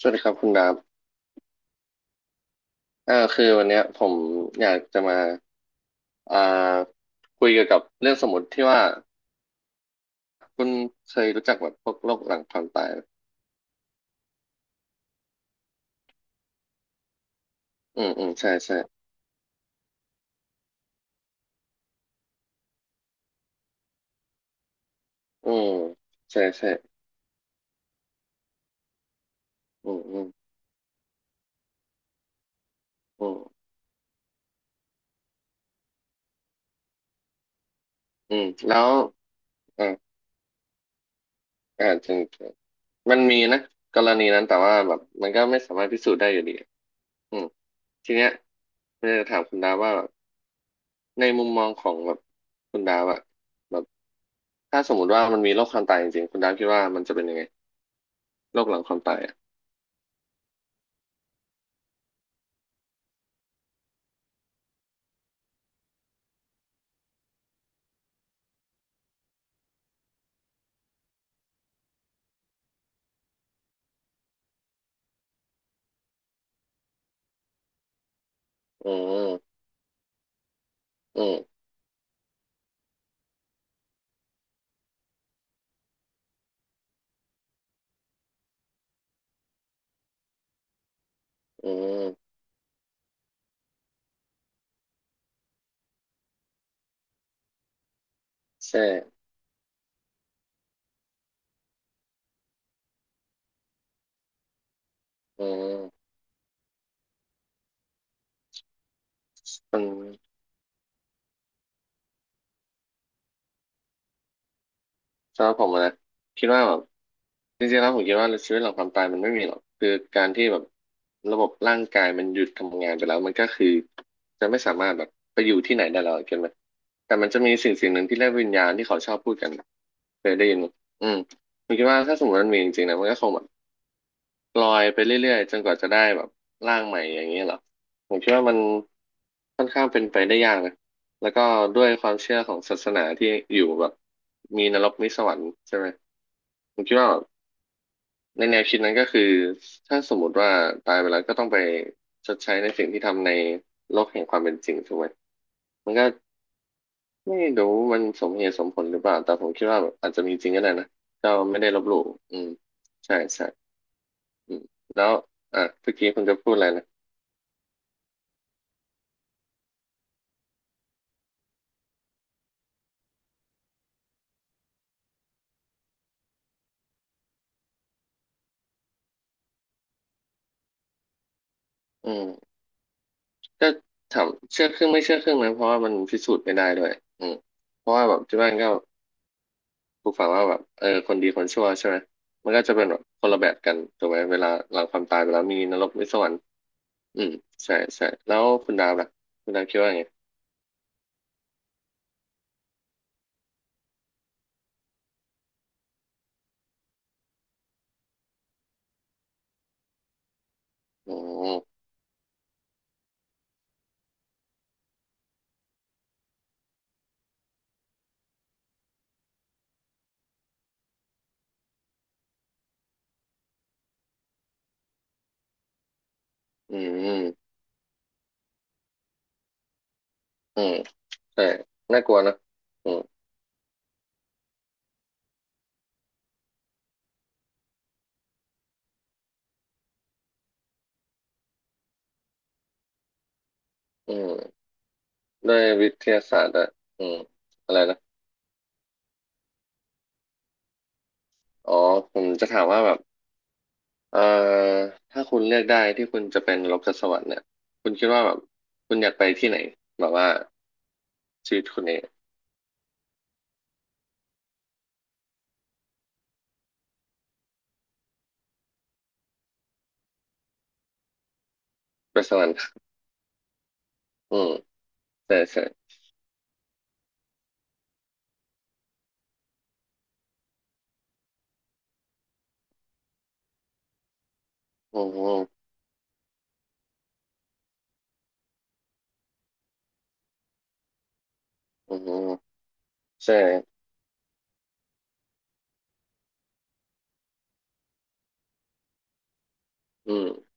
สวัสดีครับคุณดาบคือวันเนี้ยผมอยากจะมาอ่าคุยเกี่ยวกับเรื่องสมมติที่ว่าคุณเคยรู้จักแบบพวกโรคหลังความตายไหมอืมอืมใช่ใช่อืมใช่ใช่อืมอืมอืมอืมแล้วอ่าจริงจริงมันมีนะกรณีนั้นแต่ว่าแบบมันก็ไม่สามารถพิสูจน์ได้อยู่ดีอืมทีเนี้ยผมอยากจะถามคุณดาบว่าแบบในมุมมองของแบบคุณดาบอะแบบถ้าสมมติว่ามันมีโรคความตายจริงๆคุณดาบคิดว่ามันจะเป็นยังไง โรคหลังความตายอ่ะอืมอืมอืมใช่อืมมันสำหรับผมอะนะคิดว่าแบบจริงๆแล้วผมคิดว่าชีวิตหลังความตายมันไม่มีหรอกคือการที่แบบระบบร่างกายมันหยุดทำงานไปแล้วมันก็คือ จะไม่สามารถแบบไปอยู่ที่ไหนได้แล้วเข้าใจไหมแต่มันจะมีสิ่งสิ่งหนึ่งที่เรียกวิญญาณที่เขาชอบพูดกันเคยได้ยินไหมอืมผมคิดว่าถ้าสมมติมันมีจริงๆนะมันก็คงแบบ ลอยไปเรื่อยๆจนกว่าจะได้แบบร่างใหม่อย่างนี้เหรอผมคิดว่ามันค่อนข้างเป็นไปได้ยากนะแล้วก็ด้วยความเชื่อของศาสนาที่อยู่แบบมีนรกมีสวรรค์ใช่ไหมผมคิดว่าแบบในแนวคิดนั้นก็คือถ้าสมมติว่าตายไปแล้วก็ต้องไปชดใช้ในสิ่งที่ทำในโลกแห่งความเป็นจริงถูกไหมมันก็ไม่รู้มันสมเหตุสมผลหรือเปล่าแต่ผมคิดว่าแบบอาจจะมีจริงก็ได้นะก็ไม่ได้ลบหลู่อืมใช่ใช่อืมแล้วอ่ะเมื่อกี้คุณจะพูดอะไรนะอืม ก็ถามเชื่อครึ่งไม่เชื่อครึ่งนะเพราะว่ามันพิสูจน์ไม่ได้ด้วยอืมเพราะว่าแบบที่บ้านก็ปลูกฝังว่าแบบเออคนดีคนชั่วใช่ไหมมันก็จะเป็นแบบคนละแบบกันถูกไหมเวลาหลังความตายไปแล้วมีนรกมีสวรรค์อืมใช่ใช่แล้วคุณดาวล่ะคุณดาวคิดว่าไงอออืมอืมอืมใช่น่ากลัวนะอืมอืมด้วยวิทยาศาสตร์อะอืมอะไรนะอ๋อผมจะถามว่าแบบ เอ่อถ้าคุณเลือกได้ที่คุณจะเป็นโลกสวรรค์เนี่ยคุณคิดว่าแบบคุณอยากไปที่ไหนแบบว่าชีวิตคุณเนี่ยไปสวรรค์อืมใช่ใช่อืมอืมใช่อืม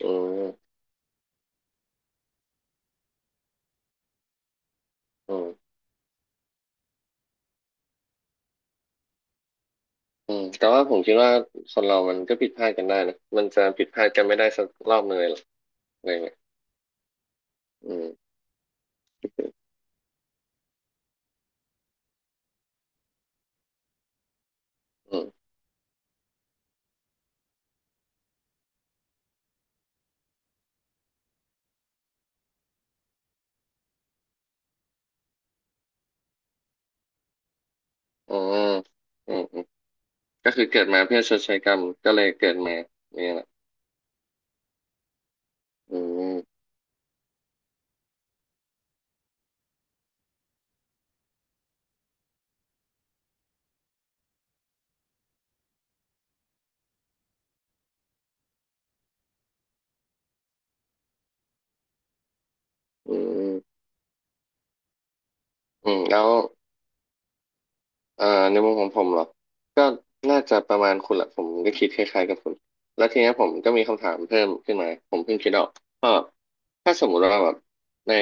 อืมอืมอืมแต่ว่าผมคิดว่าคนเรามันก็ผิดพลาดกันได้นะมันจะผิดพลาดกันไม่ได้สักรอบหนึ่งเลยหรอกอะไรเงี้ยอืมอืมอืมอืมอืมก็คือเกิดมาเพื่อชดใช้กรรมก็เลยเกิดมาเนี่ยแหละอืมอืมอืมแล้ว อ่าในมุมของผมเหรอก็น่าจะประมาณคุณแหละผมก็คิดคล้ายๆกับคุณแล้วทีเนี้ยผมก็มีคำถามเพิ่มขึ้นมาผมเพิ่งคิดออกก็ถ้าสมมุติว่าแบบใน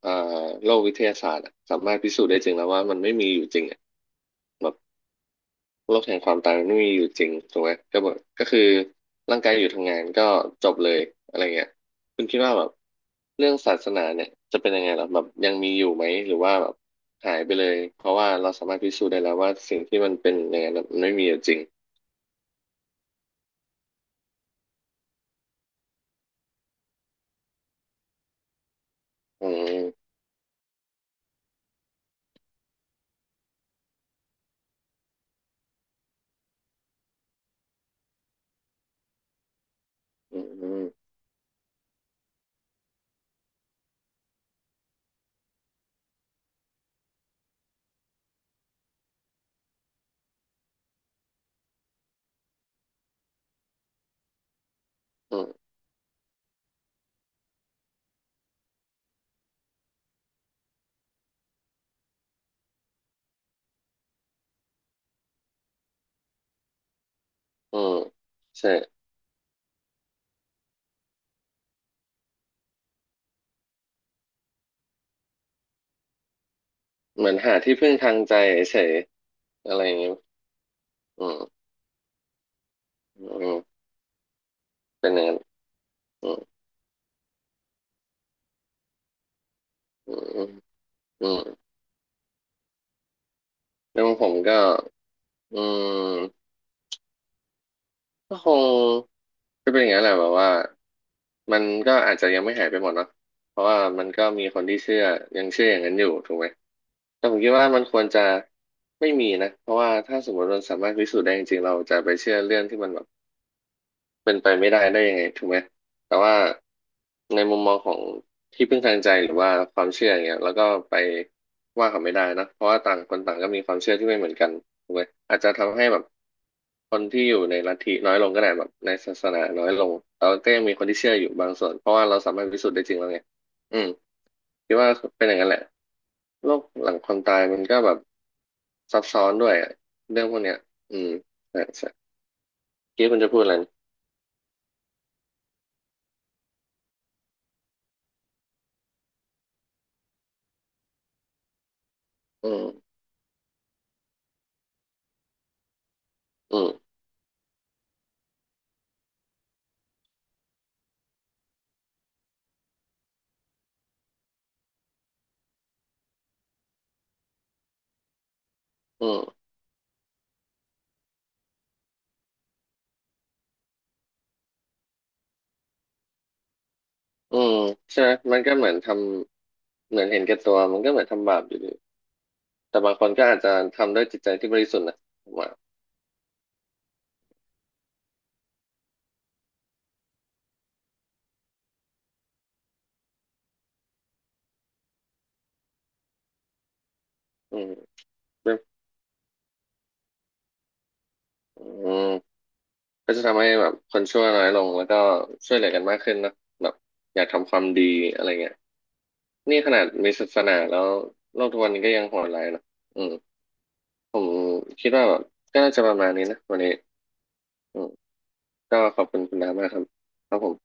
เอ่อโลกวิทยาศาสตร์อะสามารถพิสูจน์ได้จริงแล้วว่ามันไม่มีอยู่จริงอะแบบ โลกแห่งความตายมันไม่มีอยู่จริงถูกไหมก็บอกก็คือร่างกายอยู่ทำงานก็จบเลยอะไรเงี้ยคุณคิดว่าแบบเรื่องศาสนาเนี่ยจะเป็นยังไงหรอแบบยังมีอยู่ไหมหรือว่าแบบหายไปเลยเพราะว่าเราสามารถพิสูจน์ได้แล้วว่าสิ่งที่มันเป็นอย่างนั้นมันไม่มีอยู่จริงอืมอืมอืมอืมอืมใช่เหมือนหาที่พึ่งทางใจเฉยๆอะไรอย่างเงี้ยอืมอืมเป็นอย่างนั้นอืมอืมอืมอืมแล้วงผมก็อืม ก็คงก็เป็นอย่างนั้นแหละแบบว่ามันก็อาจจะยังไม่หายไปหมดเนาะเพราะว่ามันก็มีคนที่เชื่อยังเชื่ออย่างนั้นอยู่ถูกไหมแต่ผมคิดว่ามันควรจะไม่มีนะเพราะว่าถ้าสมมติมันสามารถพิสูจน์ได้จริงๆเราจะไปเชื่อเรื่องที่มันแบบ เป็นไปไม่ได้ได้ยังไงถูกไหมแต่ว่าในมุมมองของที่พึ่งทางใจหรือว่าความเชื่ออย่างเงี้ยแล้วก็ไปว่าเขาไม่ได้นะเพราะว่าต่างคนต่างก็มีความเชื่อที่ไม่เหมือนกันถูกไหมอาจจะทำให้แบบคนที่อยู่ในลัทธิน้อยลงก็ได้แบบในศาสนาน้อยลงแต่ว่าก็ยังมีคนที่เชื่ออยู่บางส่วนเพราะว่าเราสามารถพิสูจน์ได้จริงแล้วไงอืมคิดว่าเป็นอย่างนั้นแหละโลกหลังความตายมันก็แบบซับซ้อนด้วยอะเรื่องพวกเนี้ยอืมใช่ใช่เมื่อกี้คุณจะพูดอะไรนะอืมอืม อืมอืมใช่ไหมมันก็เหมือนทำเหมือนเห็นแก่ตัว มันก็เหมือนทำบาปอยู่ดี แต่บางคนก็อาจจะทำด้วยจิตใจที่บริสุทธิ์นะผมว่าอืมแบบอืมก็จะทำให้แบบคนชั่วน้อยลงแล้วก็ช่วยเหลือกันมากขึ้นนะแบบอยากทำความดีอะไรเงี้ยนี่ขนาดมีศาสนาแล้วโลกทุกวันนี้ก็ยังโหดร้ายนะอืมผมคิดว่าแบบก็น่าจะประมาณนี้นะวันนี้อืมก็ขอบคุณคุณน้ามากครับครับผม